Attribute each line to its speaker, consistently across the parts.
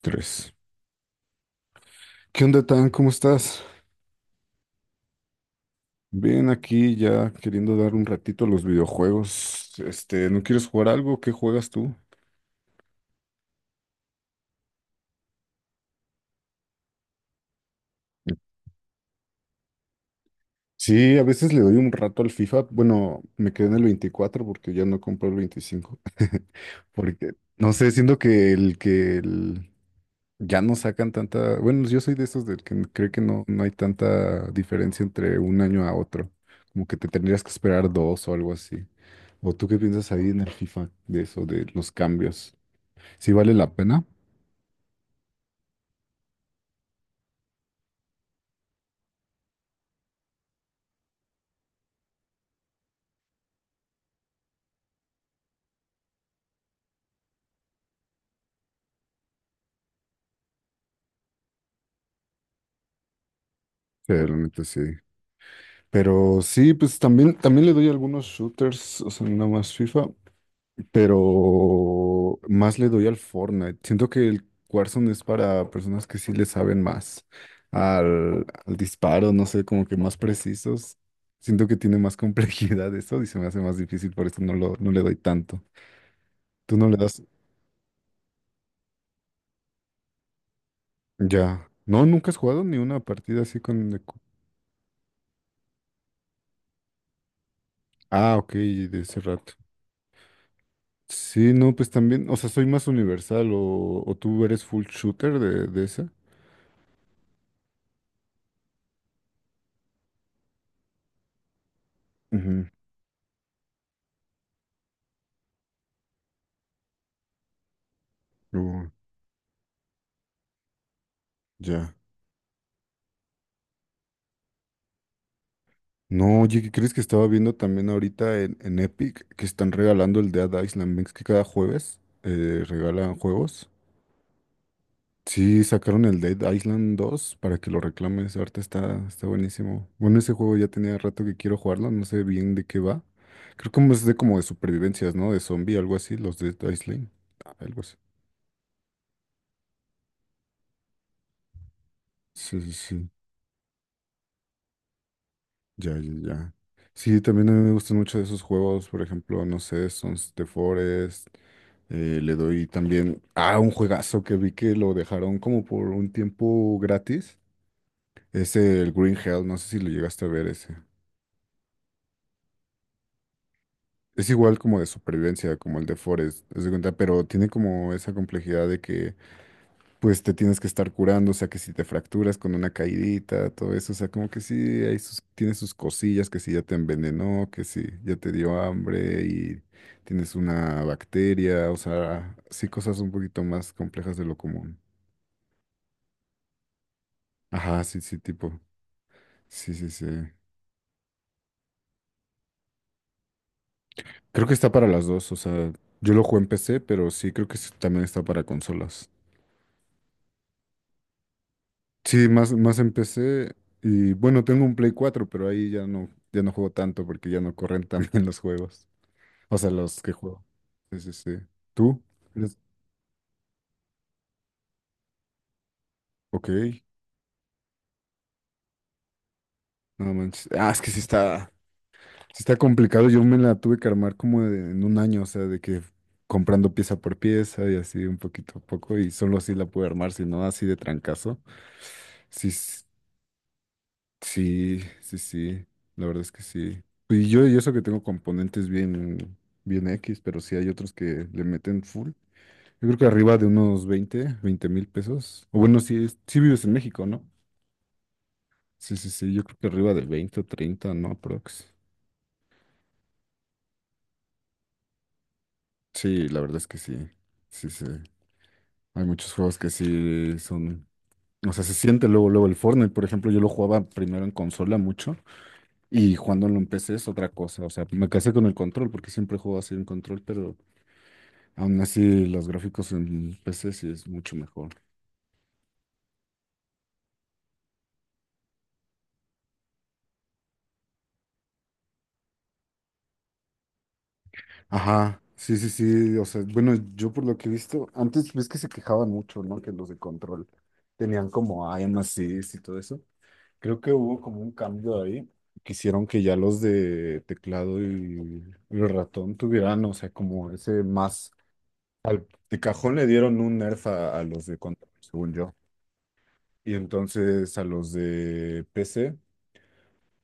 Speaker 1: Tres. ¿Qué onda, Tan? ¿Cómo estás? Bien, aquí ya queriendo dar un ratito a los videojuegos. ¿No quieres jugar algo? ¿Qué juegas tú? Sí, a veces le doy un rato al FIFA. Bueno, me quedé en el 24 porque ya no compré el 25. Porque no sé, siento que ya no sacan tanta... Bueno, yo soy de esos del que cree que no hay tanta diferencia entre un año a otro. Como que te tendrías que esperar dos o algo así. ¿O tú qué piensas ahí en el FIFA de eso, de los cambios? Sí vale la pena, sí, la neta sí. Pero sí, pues también le doy algunos shooters, o sea, nada más FIFA, pero más le doy al Fortnite. Siento que el Warzone es para personas que sí le saben más al disparo, no sé, como que más precisos. Siento que tiene más complejidad eso y se me hace más difícil, por eso no le doy tanto. ¿Tú no le das? Ya. No, nunca has jugado ni una partida así con... Ah, ok, de ese rato. Sí, no, pues también, o sea, soy más universal o tú eres full shooter de esa. Ujú. Oh, ya. No, oye, ¿qué crees que estaba viendo también ahorita en Epic que están regalando el Dead Island? ¿Ves que cada jueves regalan juegos? Sí, sacaron el Dead Island 2 para que lo reclames. Está buenísimo. Bueno, ese juego ya tenía rato que quiero jugarlo, no sé bien de qué va. Creo que es de como de supervivencias, ¿no? De zombie, algo así, los Dead Island. Algo así. Sí, sí, sí. Ya, ya, ya. Sí, también a mí me gustan mucho esos juegos, por ejemplo, no sé, Sons de Forest. Eh, le doy también a un juegazo que vi que lo dejaron como por un tiempo gratis. Es el Green Hell, no sé si lo llegaste a ver ese. Es igual como de supervivencia, como el de Forest, haz de cuenta, pero tiene como esa complejidad de que pues te tienes que estar curando, o sea, que si te fracturas con una caidita, todo eso, o sea, como que sí, tiene sus cosillas, que si ya te envenenó, que si ya te dio hambre y tienes una bacteria, o sea, sí, cosas un poquito más complejas de lo común. Ajá, sí, sí, tipo, sí, sí, sí. Creo que está para las dos, o sea, yo lo jugué en PC, pero sí, creo que sí también está para consolas. Sí, más en PC. Y bueno, tengo un Play 4 pero ahí ya no juego tanto porque ya no corren tan bien los juegos. O sea, los que juego. Sí, sí, sí. ¿Tú? ¿Eres- Ok. No manches. Ah, es que sí está complicado. Yo me la tuve que armar en un año, o sea, de que comprando pieza por pieza y así un poquito a poco y solo así la pude armar, si no, así de trancazo. Sí, s- sí, sí, sí. La verdad es que sí. Y eso que tengo componentes bien X, pero sí hay otros que le meten full. Yo creo que arriba de unos 20 mil pesos. O bueno, si, es- sí vives en México, ¿no? Sí, sí, sí, yo creo que arriba de 20 o 30, ¿no? Prox. Sí, la verdad es que sí. Sí, sí. Hay muchos juegos que sí son. O sea, se siente luego, luego el Fortnite, por ejemplo, yo lo jugaba primero en consola mucho y cuando en PC es otra cosa. O sea, me casé con el control porque siempre juego así en control, pero aún así los gráficos en PC sí es mucho mejor. Ajá, sí, sí, sí. O sea, bueno, yo por lo que he visto, antes ves que se quejaban mucho, ¿no? Que los de control tenían como aim assist y todo eso. Creo que hubo como un cambio ahí. Quisieron que ya los de y ratón tuvieran, o sea, como ese más... Al, de cajón le dieron un nerf a los de control, según yo. Y entonces a los de PC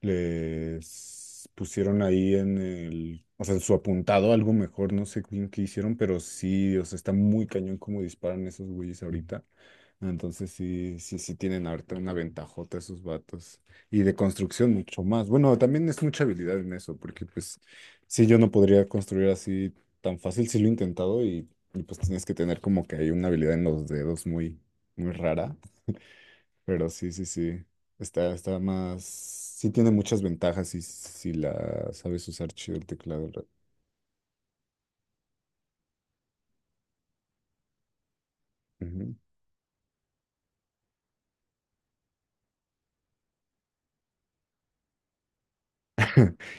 Speaker 1: les pusieron ahí en el, o sea, en su apuntado algo mejor, no sé bien qué hicieron, pero sí, o sea, está muy cañón como disparan esos güeyes ahorita. Entonces sí, sí, sí tienen ahorita una ventajota esos vatos. Y de construcción mucho más. Bueno, también es mucha habilidad en eso, porque pues sí, yo no podría construir así tan fácil, sí lo he pues tienes que tener como que hay una habilidad en los dedos muy rara, pero sí, sí, sí. Está, está más. Sí tiene muchas ventajas si la sabes usar chido el teclado. Ujú.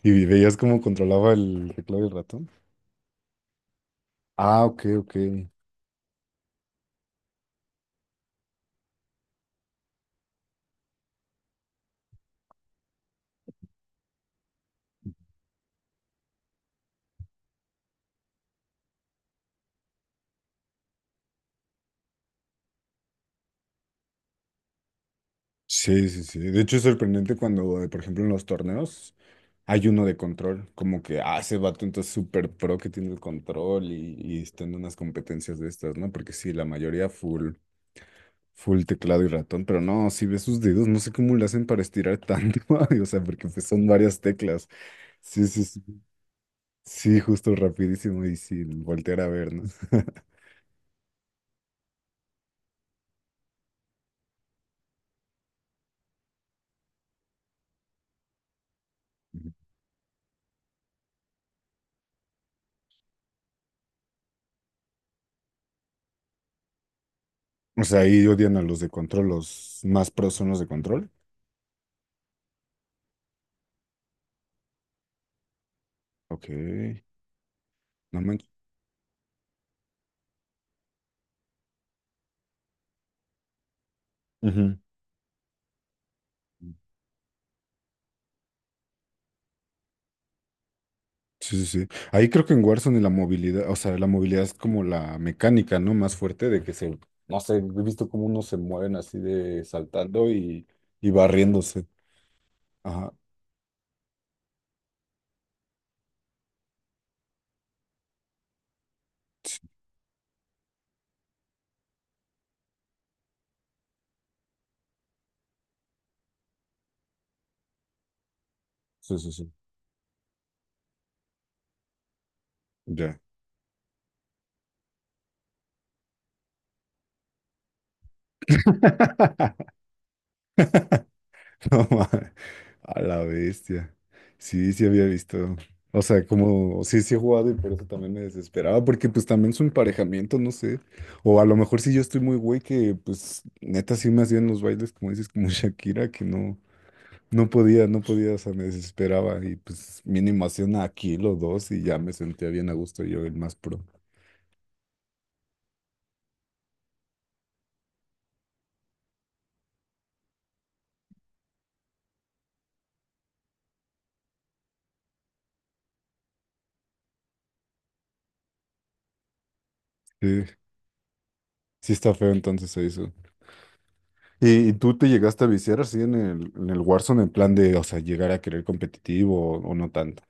Speaker 1: ¿Y veías cómo controlaba el teclado y el ratón? Ah, ok, ok. Sí, sí, sí. De hecho es sorprendente cuando, por ejemplo, en los torneos. Hay uno de control, como que, ah, ese vato entonces súper pro que tiene el control y está en unas competencias de estas, ¿no? Porque sí, la mayoría full teclado y ratón, pero no, si ves sus dedos, no sé cómo le hacen para estirar tanto, ay, o sea, porque pues, son varias teclas. Sí, sí, sí, sí, justo rapidísimo y sin voltear a ver, ¿no? O sea, ahí odian a los de control, los más pros son los de control. Ok, no manches. Ujú. Sí, sí, sí. Ahí creo que en Warzone la movilidad, o sea, la movilidad es como la mecánica, ¿no? Más fuerte no sé, he visto cómo unos se mueven así de y barriéndose. Ajá. Sí, sí, sí. Sí. Ya. No ma- A la bestia. Sí, sí había visto. O sea, como, sí, sí he jugado y por eso también me desesperaba, porque pues también su emparejamiento, no sé. O a lo mejor si yo estoy muy güey que pues neta sí me hacían los bailes, como dices, como Shakira, que no. No podía, no podía, o sea, me desesperaba y pues mínimo hacía una aquí los dos y ya me sentía bien a gusto yo, el más pro. Sí, sí está feo entonces eso. ¿Y tú te llegaste a viciar así en en el Warzone en plan de, o sea, llegar a querer competitivo o no tanto?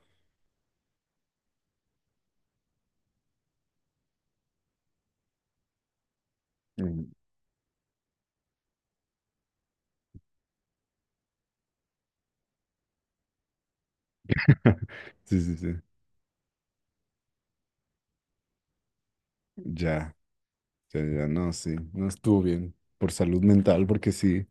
Speaker 1: Mm. Sí, sí, sí. Ya, ya, ya, no, sí, no estuvo bien por salud mental porque sí.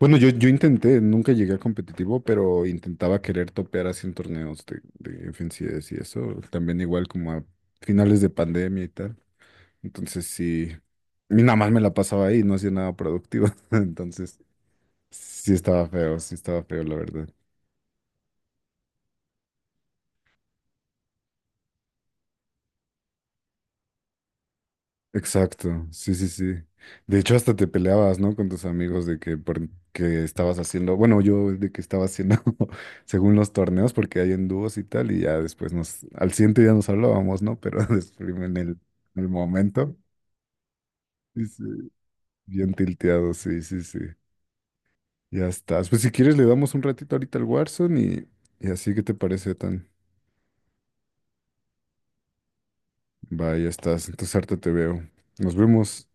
Speaker 1: Bueno, yo intenté, nunca llegué a competitivo, pero intentaba querer topear así en torneos de FNCS y eso, también igual como a finales de pandemia y tal. Entonces sí, y nada más me la pasaba ahí, no hacía nada productivo. Entonces sí estaba feo, la verdad. Exacto, sí, sí, sí. De hecho, hasta te peleabas, ¿no? Con tus amigos de que, por, que estabas haciendo, bueno, yo de que estaba haciendo según los torneos, porque hay en dúos y tal, y ya después al siguiente día nos hablábamos, ¿no? Pero después en el momento, sí, sí, bien tilteado, sí, sí, sí. Ya estás. Pues si quieres le damos un ratito ahorita al y así que te parece tan. Va, ya estás. Entonces harta te veo. Nos vemos.